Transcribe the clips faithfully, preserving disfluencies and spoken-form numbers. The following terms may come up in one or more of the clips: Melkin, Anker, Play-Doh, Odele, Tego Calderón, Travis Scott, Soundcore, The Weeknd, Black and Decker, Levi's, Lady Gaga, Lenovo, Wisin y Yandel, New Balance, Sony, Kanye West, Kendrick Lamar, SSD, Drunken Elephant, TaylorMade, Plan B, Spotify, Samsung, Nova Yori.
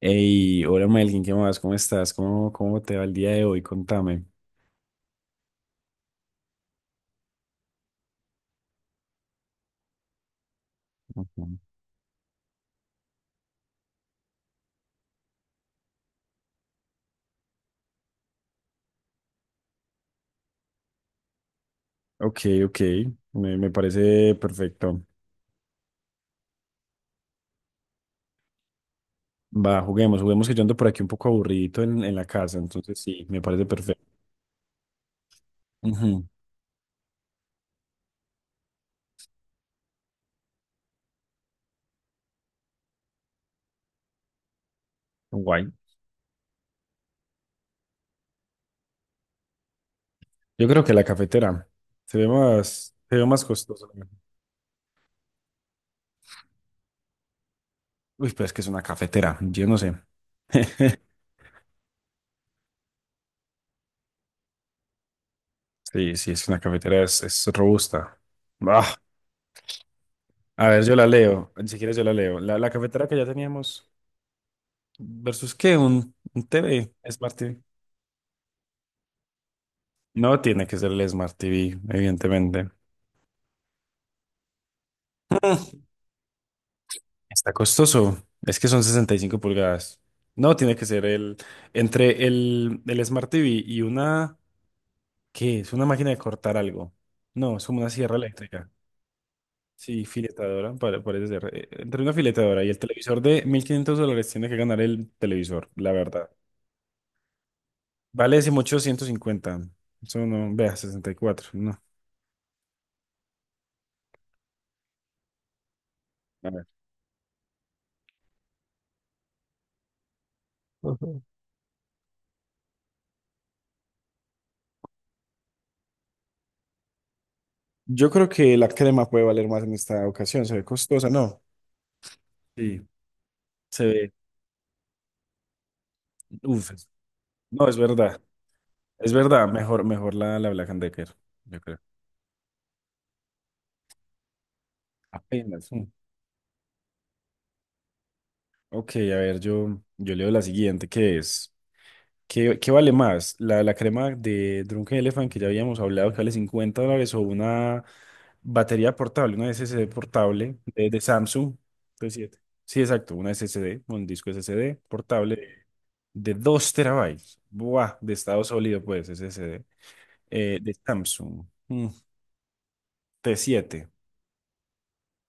Hey, hola Melkin, ¿qué más? ¿Cómo estás? ¿Cómo, cómo te va el día de hoy? Contame. Ujú. Ok, ok, me, me parece perfecto. Va, juguemos, juguemos que yo ando por aquí un poco aburridito en, en la casa, entonces sí, me parece perfecto. Ujú, guay. Yo creo que la cafetera se ve más, se ve más costosa. Uy, pero es que es una cafetera, yo no sé. Sí, sí, es una cafetera, es, es robusta. Ah, a ver, yo la leo, ni siquiera yo la leo. La, la cafetera que ya teníamos. ¿Versus qué? ¿Un, un T V? Smart T V. No tiene que ser el Smart T V, evidentemente. Está costoso. Es que son sesenta y cinco pulgadas. No, tiene que ser el... Entre el, el Smart T V y una... ¿Qué? Es una máquina de cortar algo. No, es como una sierra eléctrica. Sí, filetadora, pare- parece ser. Eh, Entre una filetadora y el televisor de mil quinientos dólares tiene que ganar el televisor, la verdad. Vale dieciocho, ciento cincuenta. Eso no, vea, sesenta y cuatro no. A ver. Yo creo que la crema puede valer más en esta ocasión. Se ve costosa, ¿no? Sí, se ve. Uf, es- No, es verdad. Es verdad. Mejor, mejor la, la Black and Decker, yo creo. Apenas. Mm. Ok, a ver, yo, yo leo la siguiente, que es. ¿Qué, qué vale más? ¿La, la crema de Drunken Elephant que ya habíamos hablado que vale cincuenta dólares o una batería portable, una S S D portable de, de Samsung de siete? Sí, exacto, una S S D, un disco S S D portable de dos terabytes. Buah, de estado sólido, pues, S S D. Eh, de Samsung, mm, T siete,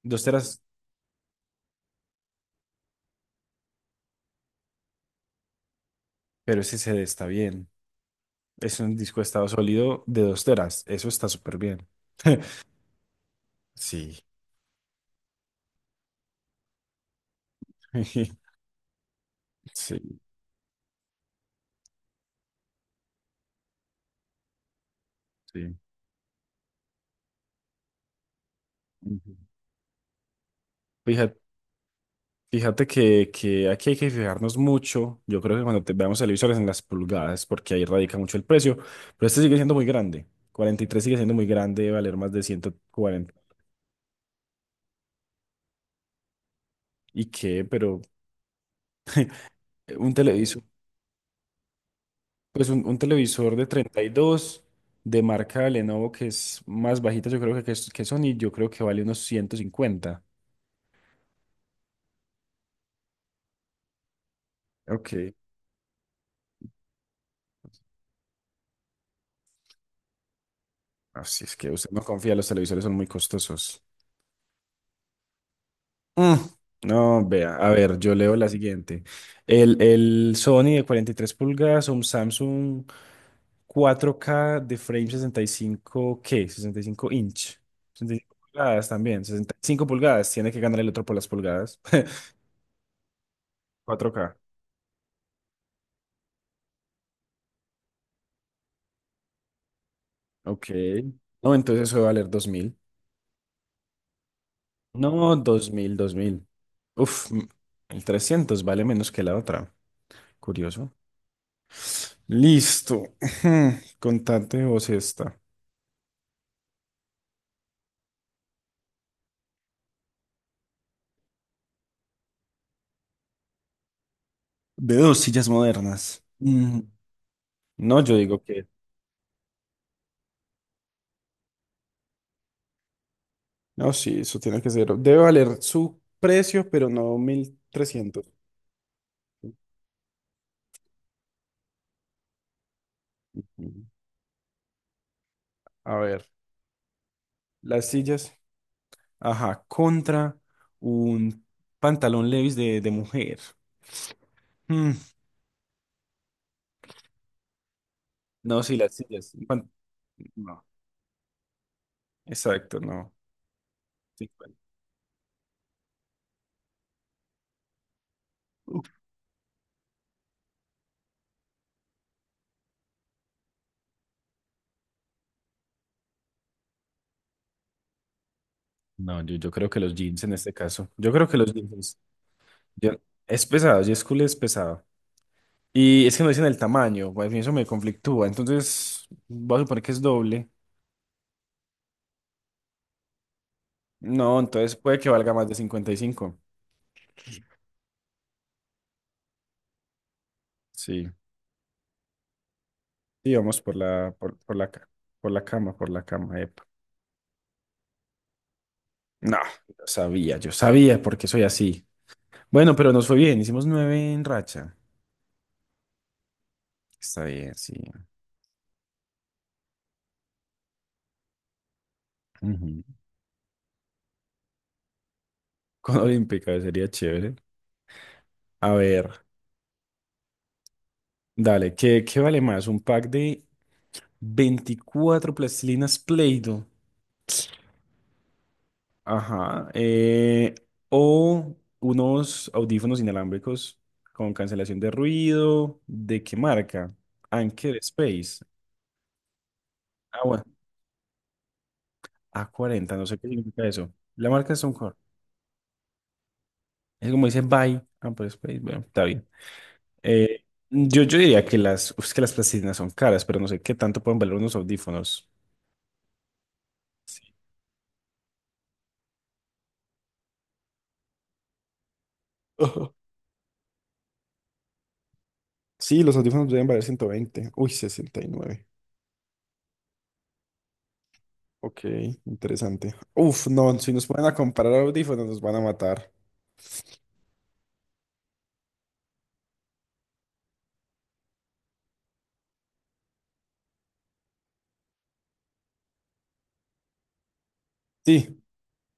dos teras, pero S S D está bien. Es un disco de estado sólido de dos teras, eso está súper bien. Sí. Sí, sí. Fíjate, fíjate que, que aquí hay que fijarnos mucho. Yo creo que cuando te veamos televisores en las pulgadas, porque ahí radica mucho el precio. Pero este sigue siendo muy grande. Cuarenta y tres sigue siendo muy grande, debe valer más de ciento cuarenta. ¿Y qué? Pero eh, un televisor, pues un, un televisor de treinta y dos de marca Lenovo, que es más bajita, yo creo que, que, es- que Sony, yo creo que vale unos ciento cincuenta. Ok. Así es que usted no confía, los televisores son muy costosos. Mm. No, vea, a ver, yo leo la siguiente. El, el Sony de cuarenta y tres pulgadas, un Samsung cuatro k de frame sesenta y cinco, ¿qué? sesenta y cinco inch. Sesenta y cinco pulgadas también, sesenta y cinco pulgadas. Tiene que ganar el otro por las pulgadas. Cuatro k. Ok. No, entonces eso va a valer dos mil. No, dos mil dos mil. Uf, m- el trescientos vale menos que la otra. Curioso. Listo. Contate vos esta. De dos sillas modernas. Mm. No, yo digo que... No, sí, eso tiene que ser. Debe valer su precio, pero no mil trescientos. Mm. A ver, las sillas. Ajá, contra un pantalón Levi's de, de mujer. Mm. No, sí, las sillas. un pan- No, exacto, no. Sí, bueno. No, yo, yo creo que los jeans en este caso. Yo creo que los jeans. yo- es pesado, J. School es pesado. Y es que no dicen el tamaño, pues, y eso me conflictúa. Entonces, voy a suponer que es doble. No, entonces puede que valga más de cincuenta y cinco. Sí. Sí, vamos por la, por, por la, ca- por la cama, por la cama, epa. No, yo sabía, yo sabía porque soy así. Bueno, pero nos fue bien, hicimos nueve en racha. Está bien, sí. Ujú. Con Olímpica sería chévere. A ver, dale, ¿qué, qué vale más? ¿Un pack de veinticuatro plastilinas Play-Doh? Ajá. Eh, o unos audífonos inalámbricos con cancelación de ruido. ¿De qué marca? Anker Space. Ah, bueno. A cuarenta, no sé qué significa eso. La marca es Soundcore. Es como dice Bye Anker Space. Bueno, está bien. Eh, yo, yo diría que las, es que las plastilinas son caras, pero no sé qué tanto pueden valer unos audífonos. Sí. Ujú. Sí, los audífonos deben valer ciento veinte. Uy, sesenta y nueve. Ok, interesante. Uf, no, si nos ponen a comparar audífonos nos van a matar. Sí,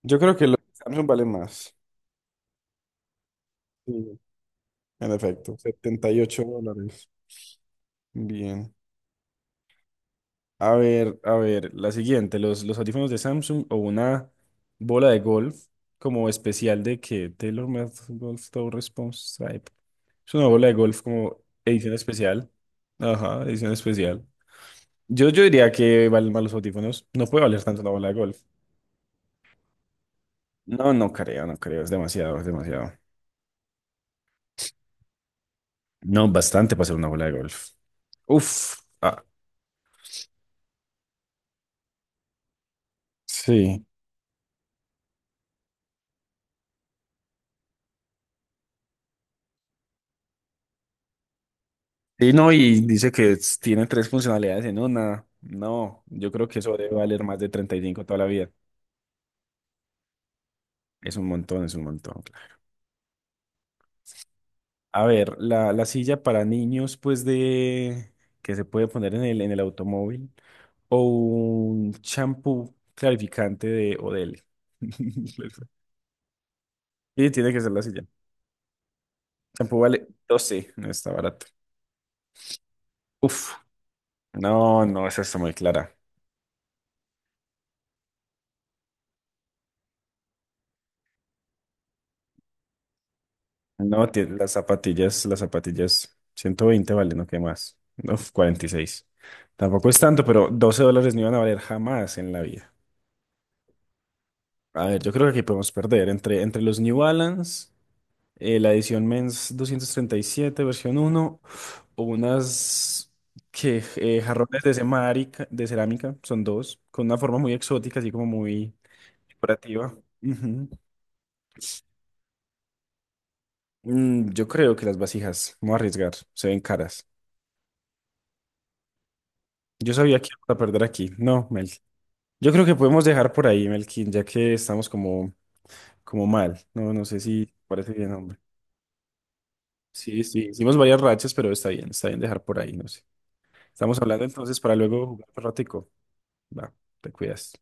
yo creo que los de Samsung valen más. Sí, en efecto, setenta y ocho dólares. Bien. A ver, a ver, la siguiente, los, los audífonos de Samsung o una bola de golf como especial de que TaylorMade Golf Toe Response Stripe. Es una bola de golf como edición especial. Ajá, edición especial. Yo, yo diría que valen más los audífonos. No puede valer tanto la bola de golf. No, no creo, no creo. Es demasiado, es demasiado. No, bastante para ser una bola de golf. Uf. Ah, sí. Sí, no, y dice que es- tiene tres funcionalidades en una. No, yo creo que eso debe valer más de treinta y cinco toda la vida. Es un montón, es un montón. A ver, la, la silla para niños, pues de que se puede poner en el, en el automóvil. O un champú clarificante de Odele. Sí, tiene que ser la silla. Champú vale doce, no está barato. Uf, no, no, esa está muy clara. No, tie- las zapatillas, las zapatillas, ciento veinte valen, ¿no? ¿Qué más? Uf, cuarenta y seis. Tampoco es tanto, pero doce dólares no iban a valer jamás en la vida. A ver, yo creo que aquí podemos perder entre, entre los New Balance, eh, la edición Men's doscientos treinta y siete, versión uno, o unas que eh, jarrones de cemárica- de cerámica, son dos, con una forma muy exótica, así como muy decorativa. Ujú. Mm, yo creo que las vasijas, vamos a arriesgar, se ven caras. Yo sabía que iba a perder aquí. No, Mel. Yo creo que podemos dejar por ahí, Melkin, ya que estamos como, como mal. No, no sé si te parece bien, hombre. Sí, sí, hicimos varias rachas, pero está bien, está bien dejar por ahí, no sé. Estamos hablando entonces para luego jugar un ratico. Va, te cuidas.